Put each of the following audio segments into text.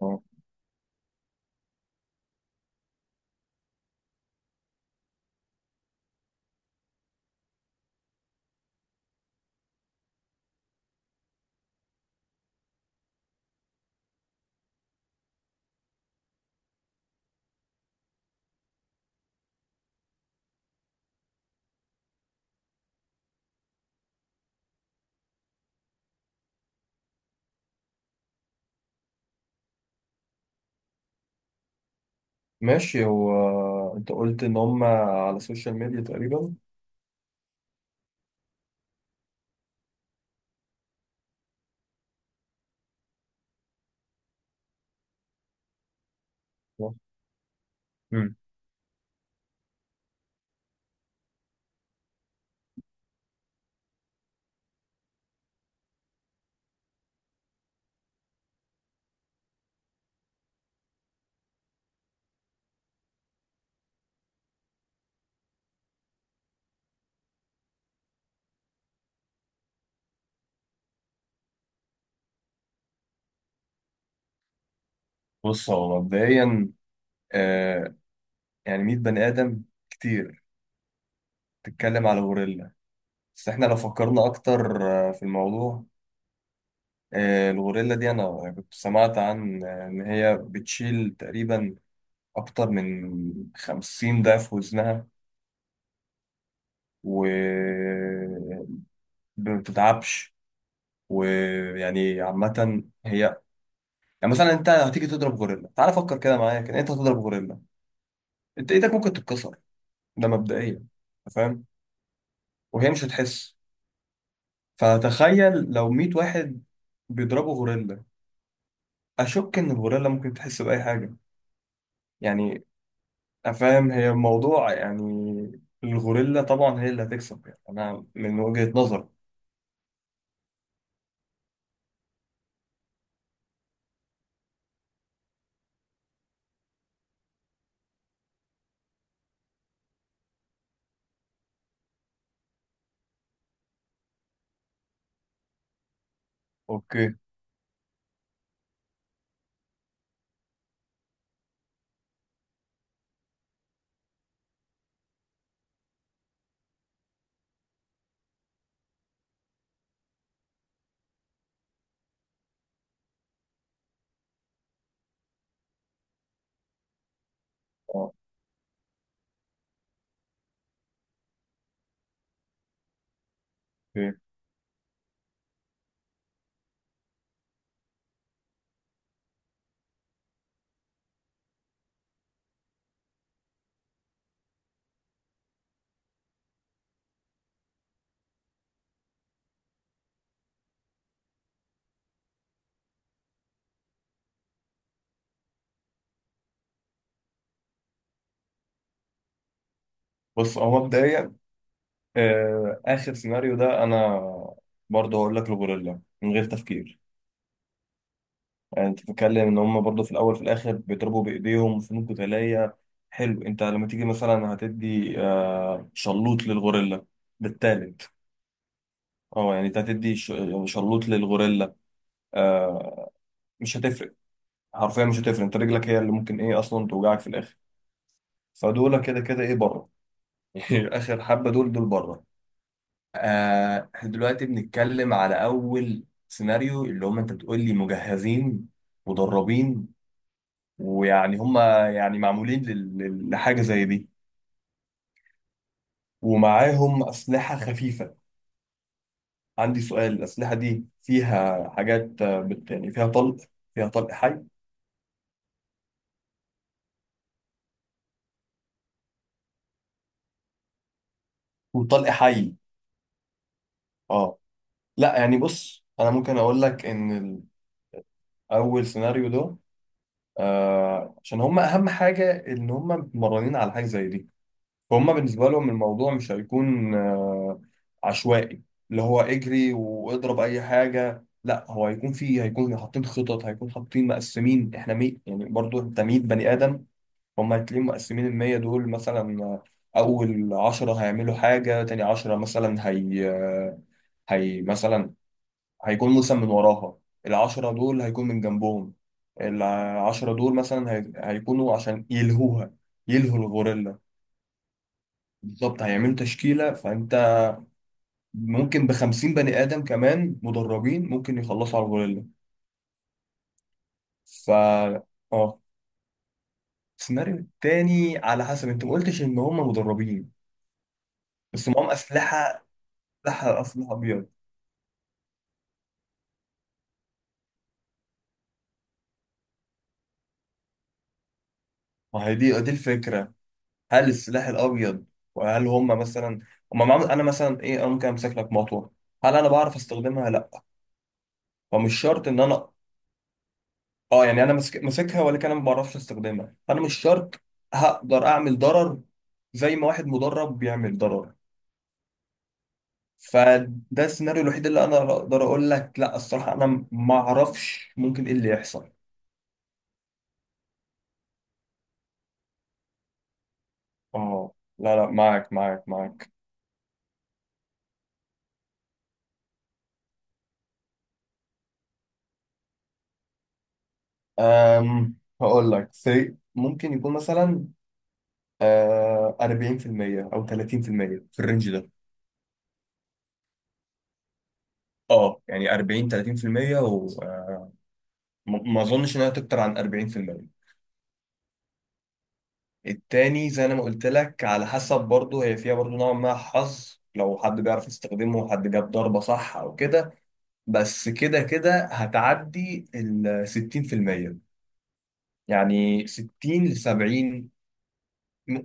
اه ماشي، هو انت قلت ان هم على السوشيال ميديا تقريبا. صح. مم. بص هو مبدئيا، آه يعني 100 بني ادم كتير، تتكلم على غوريلا، بس احنا لو فكرنا اكتر في الموضوع. الغوريلا دي انا يعني كنت سمعت عن ان هي بتشيل تقريبا اكتر من 50 ضعف وزنها و ما بتتعبش. ويعني عامة هي، يعني مثلا انت هتيجي تضرب غوريلا، تعال فكر كده معايا، كده انت هتضرب غوريلا، انت ايدك ممكن تتكسر، ده مبدئيا، انت فاهم. وهي مش هتحس. فتخيل لو 100 واحد بيضربوا غوريلا، اشك ان الغوريلا ممكن تحس باي حاجه يعني. افهم هي الموضوع يعني، الغوريلا طبعا هي اللي هتكسب يعني، انا من وجهة نظري. اوكي. اه، اوكي بص هو مبدئيا، اخر سيناريو ده انا برضه هقول لك الغوريلا من غير تفكير. يعني انت بتتكلم ان هم برضه في الاول في الاخر بيضربوا بايديهم فنون قتاليه، حلو، انت لما تيجي مثلا هتدي شلوط للغوريلا. ده التالت. اه، يعني انت هتدي شلوط للغوريلا، آه، مش هتفرق، حرفيا مش هتفرق، انت رجلك هي اللي ممكن ايه اصلا توجعك في الاخر. فدول كده كده ايه بره. اخر حبه دول دول بره. احنا دلوقتي بنتكلم على اول سيناريو، اللي هم انت بتقول لي مجهزين مدربين، ويعني هم يعني معمولين لحاجة زي دي، ومعاهم أسلحة خفيفة. عندي سؤال، الأسلحة دي فيها حاجات يعني فيها طلق، فيها طلق حي؟ وطلق حي. اه، لا يعني بص أنا ممكن أقول لك إن أول سيناريو ده عشان هم أهم حاجة إن هم متمرنين على حاجة زي دي، فهم بالنسبة لهم الموضوع مش هيكون عشوائي، اللي هو اجري واضرب اي حاجة، لا هو هيكون فيه، هيكون حاطين خطط، هيكون حاطين مقسمين. احنا يعني برضو انت 100 بني ادم، هم هتلاقيهم مقسمين، ال 100 دول مثلا، اول 10 هيعملوا حاجة، تاني 10 مثلا هي مثلا هيكون مثلا من وراها، العشرة دول هيكون من جنبهم، العشرة دول مثلا هيكونوا عشان يلهوها، يلهوا الغوريلا. بالظبط هيعملوا تشكيلة، فأنت ممكن بخمسين بني آدم كمان مدربين ممكن يخلصوا على الغوريلا. فا اه السيناريو التاني، على حسب أنت ما قلتش إن هم مدربين، بس معاهم أسلحة أبيض. ما هي دي الفكرة، هل السلاح الأبيض، وهل هم مثلا، هم معاهم، أنا مثلا إيه، أنا ممكن أمسك لك مطوة، هل أنا بعرف أستخدمها؟ لأ. فمش شرط إن أنا اه يعني انا ماسكها، ولكن انا ما بعرفش استخدمها، فانا مش شرط هقدر اعمل ضرر زي ما واحد مدرب بيعمل ضرر. فده السيناريو الوحيد اللي انا اقدر اقول لك لا، الصراحه انا ما اعرفش ممكن ايه اللي يحصل. اه، لا لا، معاك معاك معاك. هقول لك ممكن يكون مثلا، 40% او 30% في المية، في الرينج ده. اه يعني 40، 30%، وما اظنش انها تكتر عن 40%. التاني زي انا ما قلت لك، على حسب برضه، هي فيها برضه نوع ما، حظ، لو حد بيعرف يستخدمه وحد جاب ضربة صح او كده، بس كده كده هتعدي ال 60%. يعني 60 ل 70،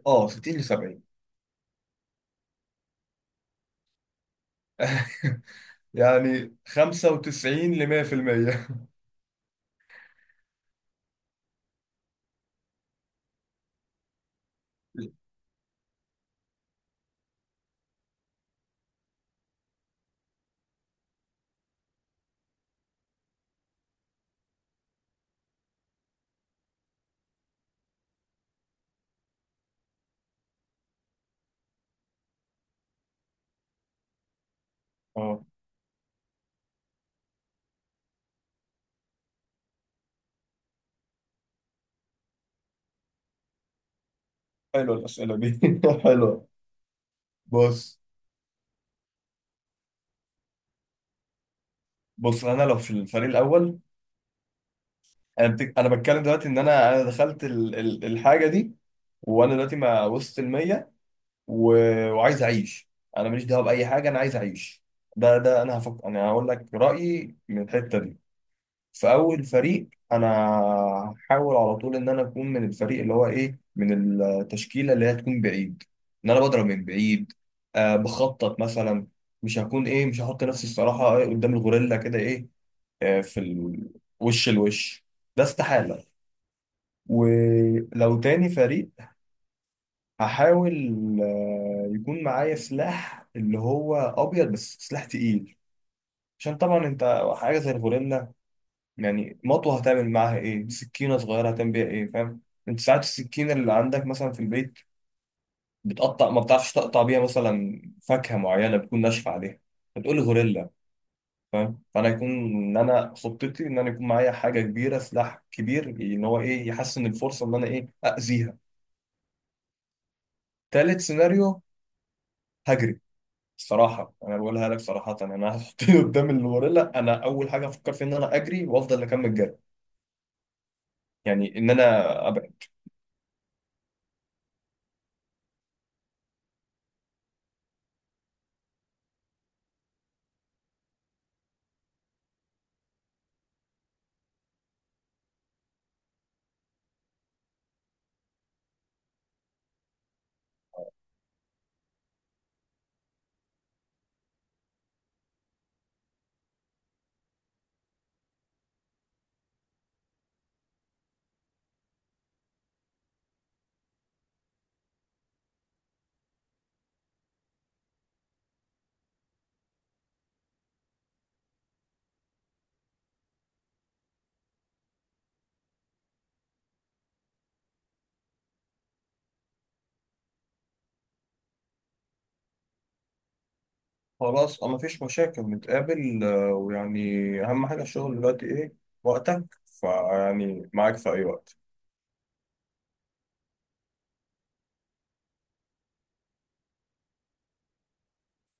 اه 60 ل 70. يعني 95 ل 100%. اه حلوه الأسئلة دي. حلوه. بص بص انا لو في الفريق الاول، انا انا بتكلم دلوقتي ان انا دخلت الحاجه دي، وانا دلوقتي ما وصلت ال 100، و... وعايز اعيش، انا ماليش دعوه باي حاجه، انا عايز اعيش. ده انا انا هقول لك رايي من الحته دي. في اول فريق انا هحاول على طول ان انا اكون من الفريق اللي هو ايه، من التشكيله اللي هي تكون بعيد، ان انا بضرب من بعيد، بخطط مثلا. مش هكون ايه، مش هحط نفسي الصراحه إيه قدام الغوريلا كده ايه، آه في ال... وش الوش، ده استحاله. ولو تاني فريق هحاول يكون معايا سلاح اللي هو ابيض بس سلاح تقيل، عشان طبعا انت حاجه زي الغوريلا يعني، مطوه هتعمل معاها ايه، سكينه صغيره هتعمل بيها ايه، فاهم؟ انت ساعات السكينه اللي عندك مثلا في البيت بتقطع، ما بتعرفش تقطع بيها مثلا فاكهه معينه بتكون ناشفه عليها، فتقول غوريلا، فاهم. فانا يكون ان انا خطتي ان انا يكون معايا حاجه كبيره، سلاح كبير ان هو ايه يحسن الفرصه ان انا ايه اذيها. تالت سيناريو هجري. صراحة أنا بقولها لك صراحة، أنا هتحطني قدام الغوريلا، أنا أول حاجة أفكر فيها إن أنا أجري وأفضل أكمل جري، يعني إن أنا أبعد. خلاص مفيش مشاكل، نتقابل ويعني، أهم حاجة الشغل دلوقتي إيه، وقتك فيعني معاك في أي وقت